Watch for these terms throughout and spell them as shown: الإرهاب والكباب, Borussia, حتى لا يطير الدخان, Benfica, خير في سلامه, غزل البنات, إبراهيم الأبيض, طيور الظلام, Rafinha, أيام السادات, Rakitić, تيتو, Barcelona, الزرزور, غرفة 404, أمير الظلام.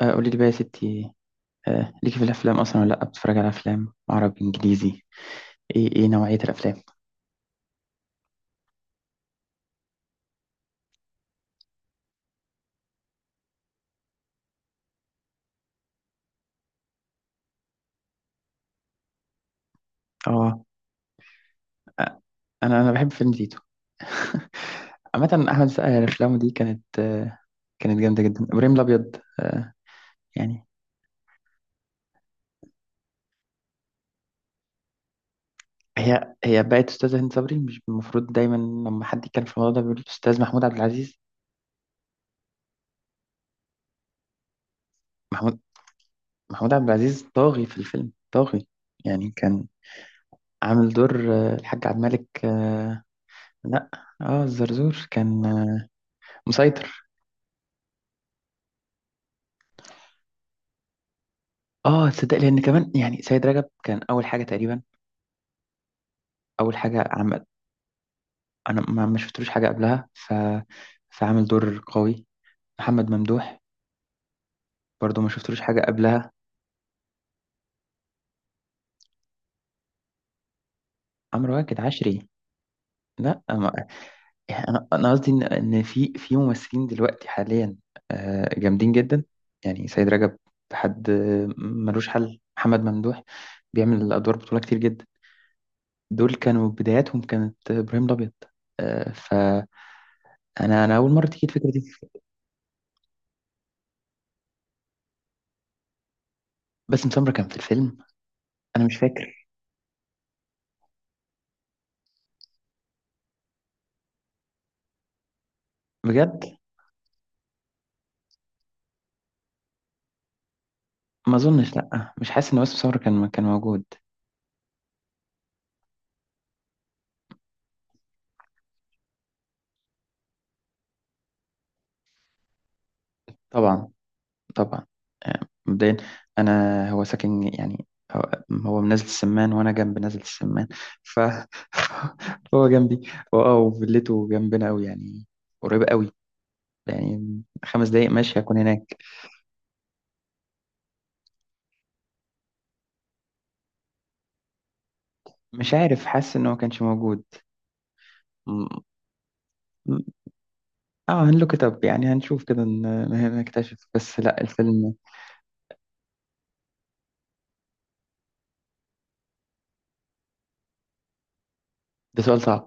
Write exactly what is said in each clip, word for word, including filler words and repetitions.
آه، قولي لي بقى يا ستي. آه، ليكي في الافلام اصلا ولا لا بتتفرج على افلام عربي انجليزي؟ ايه ايه نوعيه الافلام؟ اه. آه، انا انا بحب فيلم تيتو. عامه احمد السقا افلامه دي كانت آه، كانت جامده جدا. ابراهيم الابيض. آه، يعني هي هي بقت استاذه هند صبري. مش المفروض دايما لما حد يتكلم في الموضوع ده بيقول استاذ محمود عبد العزيز؟ محمود محمود عبد العزيز طاغي في الفيلم، طاغي. يعني كان عامل دور آه، الحاج عبد الملك. آه، لا، اه الزرزور كان آه، مسيطر. اه، تصدق لان كمان يعني سيد رجب كان اول حاجه تقريبا، اول حاجه عمل. انا ما ما شفتلوش حاجه قبلها، ف فعمل دور قوي. محمد ممدوح برضو ما شفتلوش حاجه قبلها. عمرو واكد عشري. لا ما... يعني انا انا قصدي ان إن في في ممثلين دلوقتي حاليا آه، جامدين جدا. يعني سيد رجب، حد آه، ملوش حل. محمد ممدوح بيعمل ادوار بطوله كتير جدا. دول كانوا بداياتهم، كانت ابراهيم الابيض. آه، فانا انا اول مره تيجي الفكره دي. باسم سمرة كان في الفيلم. انا مش فاكر. بجد، ما اظنش. لا، مش حاسس ان باسم سمرة كان كان موجود. طبعا، طبعا. آه، مبدئيا، انا هو ساكن يعني. هو هو من نزلة السمان وانا جنب نزلة السمان. ف هو جنبي، هو اه وفيلته جنبنا قوي يعني، قريبة قوي. يعني خمس دقايق ماشي هكون هناك. مش عارف، حاسس ان هو كانش موجود. م- م- اه هنلوك اب، يعني هنشوف كده ن- نكتشف. بس لا، الفيلم ده سؤال صعب.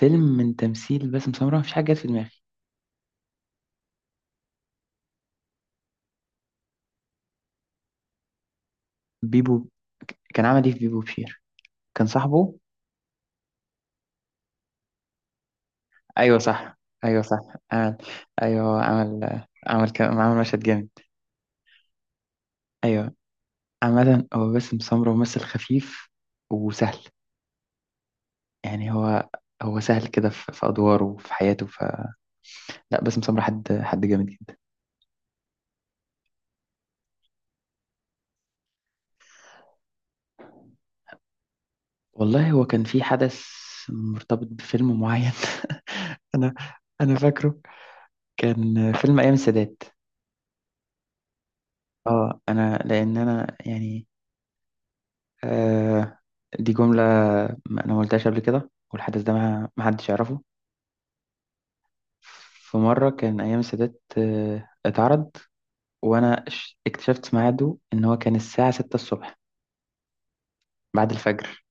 فيلم من تمثيل باسم سمرة مفيش حاجة جت في دماغي. بيبو، كان عمل ايه في بيبو بشير؟ كان صاحبه. ايوه، صح. ايوه، صح، عمل. ايوه، عمل عمل كم... عمل مشهد جامد. ايوه. عامة، هو باسم سمرة ممثل خفيف وسهل. يعني هو هو سهل كده في, في ادواره وفي حياته. ف لا، باسم سمرة حد حد جامد جدا. والله، هو كان في حدث مرتبط بفيلم معين. انا انا فاكره. كان فيلم ايام السادات. اه، انا لان انا يعني. آه دي جملة ما- أنا ما قلتهاش قبل كده، والحدث ده ما ما حدش يعرفه. في مرة كان أيام السادات آه اتعرض، وأنا اش- اكتشفت ميعاده إن هو كان الساعة ستة الصبح، بعد الفجر.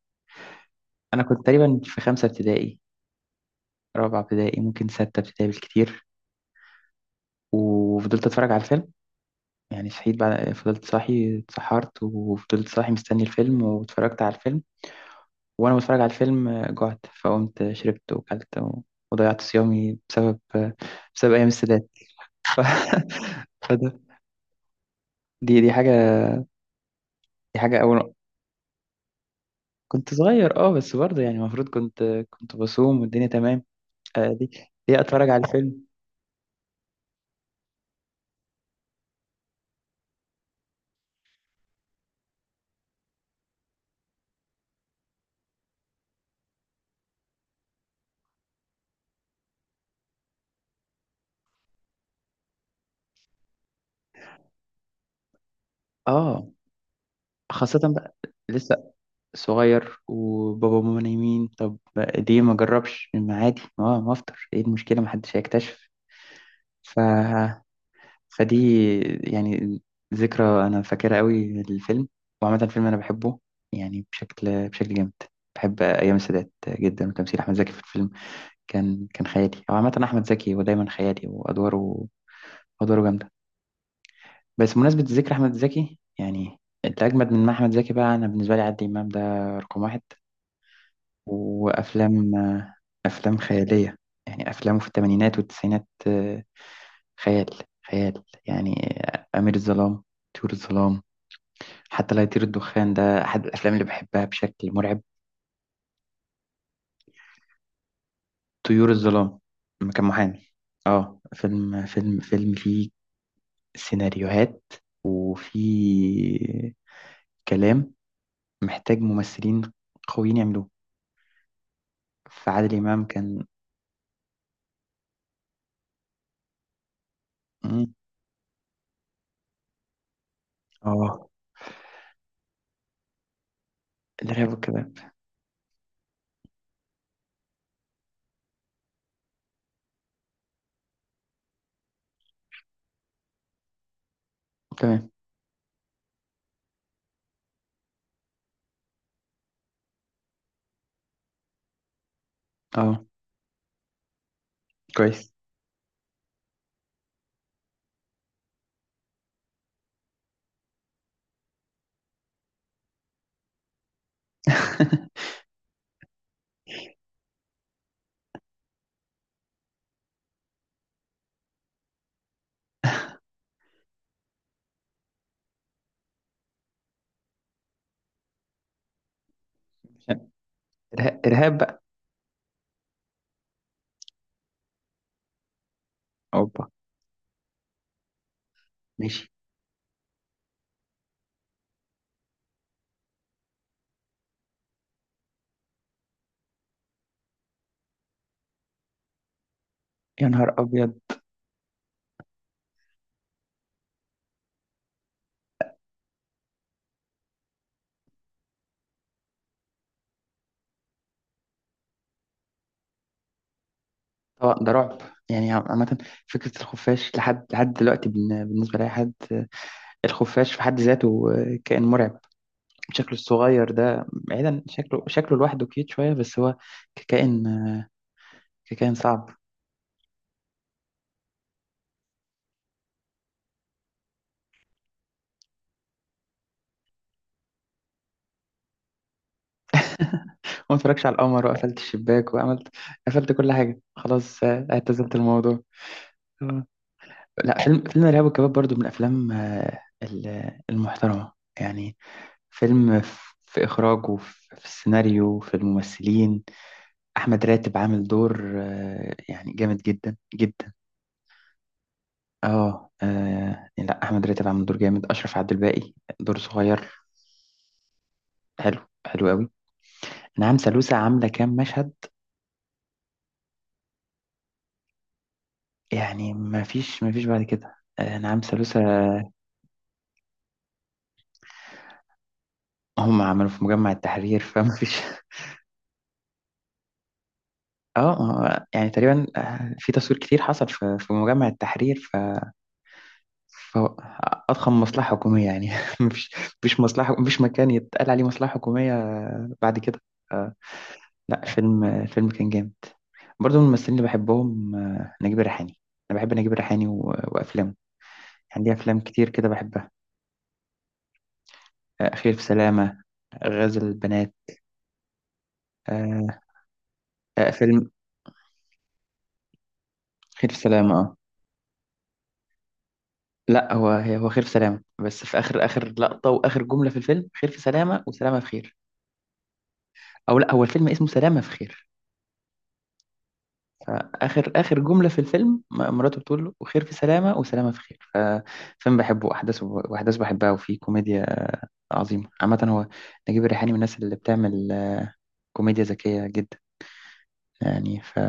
أنا كنت تقريبا في خمسة ابتدائي، رابعة ابتدائي، ممكن ستة ابتدائي بالكتير. وفضلت أتفرج على الفيلم. يعني صحيت بعد، فضلت صاحي، اتسحرت وفضلت صاحي مستني الفيلم واتفرجت على الفيلم. وانا بتفرج على الفيلم آه، جعت فقمت شربت وكلت و- وضيعت صيامي بسبب آه، بسبب ايام السادات. فده، دي دي حاجه، دي حاجه اول. كنت صغير، اه. بس برضه يعني، المفروض كنت كنت بصوم والدنيا تمام. آه، دي دي اتفرج على الفيلم. اه، خاصه بقى لسه صغير وبابا وماما نايمين. طب ليه ما اجربش؟ ما عادي، ما ما افطر، ايه المشكله؟ ما حدش هيكتشف. فدي يعني ذكرى انا فاكرها قوي، الفيلم. وعامه الفيلم انا بحبه، يعني بشكل بشكل جامد. بحب ايام السادات جدا، وتمثيل احمد زكي في الفيلم كان كان خيالي. او عامه احمد زكي هو دايما خيالي، وادواره. ادواره جامده. بس بمناسبه ذكر احمد زكي، يعني اللي اجمد من احمد زكي بقى، انا بالنسبه لي عادل امام ده رقم واحد. وافلام افلام خياليه. يعني افلامه في الثمانينات والتسعينات خيال، خيال يعني. أمير الظلام، طيور الظلام، حتى لا يطير الدخان، ده أحد الأفلام اللي بحبها بشكل مرعب. طيور الظلام، لما كان محامي. اه، فيلم فيلم فيلم فيه سيناريوهات، وفيه كلام محتاج ممثلين قويين يعملوه. فعادل إمام كان. مم. اه، الإرهاب والكباب. تمام. اه، كويس. إرهاب، إرهاب بقى. أوبا. ماشي. يا نهار أبيض. اه، ده رعب. يعني عم- عامة فكرة الخفاش لحد لحد دلوقتي بالن- بالنسبة لأي حد. الخفاش في حد ذاته كائن مرعب. شكله الصغير ده، بعيدا، شكله شكله لوحده كيوت شوية، بس هو ككائن ككائن صعب. ما اتفرجش على القمر، وقفلت الشباك وعملت. قفلت كل حاجة، خلاص. آه، اعتزلت الموضوع. آه. لا، فيلم فيلم الإرهاب والكباب برضو من الأفلام آه، ال- المحترمة. يعني فيلم في في إخراجه، في في السيناريو، في الممثلين. احمد راتب عامل دور آه، يعني جامد جدا جدا. اه. آه، لا، احمد راتب عامل دور جامد. اشرف عبد الباقي دور صغير، حلو. حلو قوي. نعم سلوسة عامله كام مشهد، يعني ما فيش ما فيش بعد كده آه، نعم سلوسة. هم عملوا في مجمع التحرير، فما فيش. اه، ما هو يعني تقريبا آه، في تصوير كتير حصل في في مجمع التحرير. ف ف- اضخم مصلحه حكوميه يعني. مفيش مفيش مصلحه، مفيش مكان يتقال عليه مصلحه حكوميه بعد كده. آه. لا، فيلم فيلم كان جامد. برضه من الممثلين اللي بحبهم آه، نجيب الريحاني. انا بحب نجيب الريحاني و- وافلامه. يعني ليه افلام كتير كده بحبها. آه، خير في سلامه، غزل البنات. آه، آه، فيلم خير في سلامه، اه. لا، هو هي- هو خير في سلامه، بس في اخر اخر لقطه واخر جمله في الفيلم، خير في سلامه وسلامه في خير. او لا، هو الفيلم اسمه سلامه في خير. فاخر اخر جمله في الفيلم م- مراته بتقول له وخير في سلامه، وسلامه في خير. ففيلم بحبه، احداثه واحداث بحبها، وفيه كوميديا عظيم. عامة هو نجيب الريحاني من الناس اللي بتعمل آه، كوميديا ذكية جدا. يعني ف...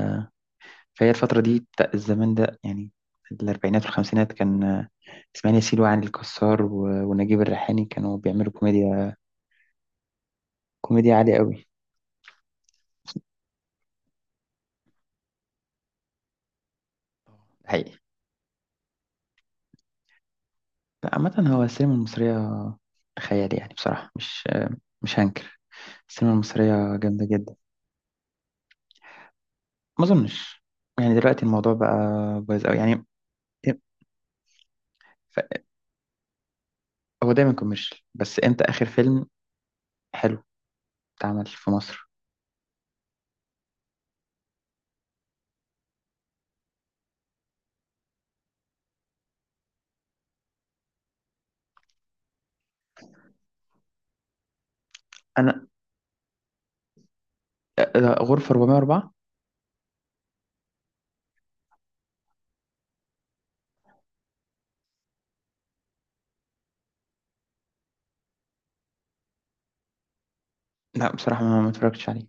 فهي الفترة دي بتاع الزمان ده يعني الأربعينات والخمسينات كان آه، إسماعيل ياسين وعلي الكسار و... ونجيب الريحاني، كانوا بيعملوا كوميديا. كوميديا عالية قوي. حقيقي. لا، عامة هو السينما المصرية خيال يعني بصراحة. مش آه، مش هنكر، السينما المصرية جامدة جدا. ما أظنش، يعني دلوقتي الموضوع بقى بايظ أوي يعني. ف- هو دايما كوميرشال، بس إمتى آخر فيلم حلو اتعمل في مصر؟ انا آه، غرفة فور او فور. لا، بصراحة ما ما اتفرجتش عليه.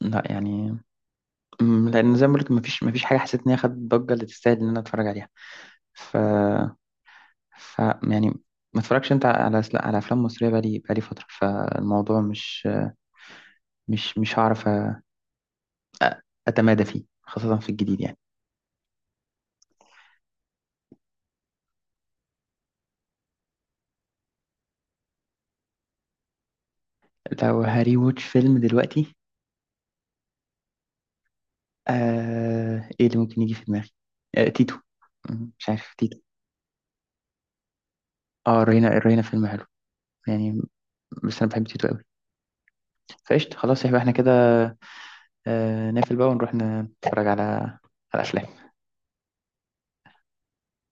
لا يعني. مم. لان زي ما بقولك مفيش مفيش حاجة حسيت ان هي خدت الضجة اللي تستاهل ان انا اتفرج عليها. ف ف يعني، ما اتفرجش انت على على افلام مصرية بقالي بقالي فترة، فالموضوع مش مش مش هعرف أ- اتمادى فيه، خاصة في الجديد يعني. لو هاري ووتش فيلم دلوقتي، آه ايه اللي ممكن يجي في دماغي؟ آه تيتو. مم، مش عارف. تيتو. اه، رينا رينا فيلم حلو يعني. بس انا بحب تيتو قوي. فقشطة، خلاص، يبقى احنا كده. آه، نقفل بقى ونروح نتفرج على على أفلام.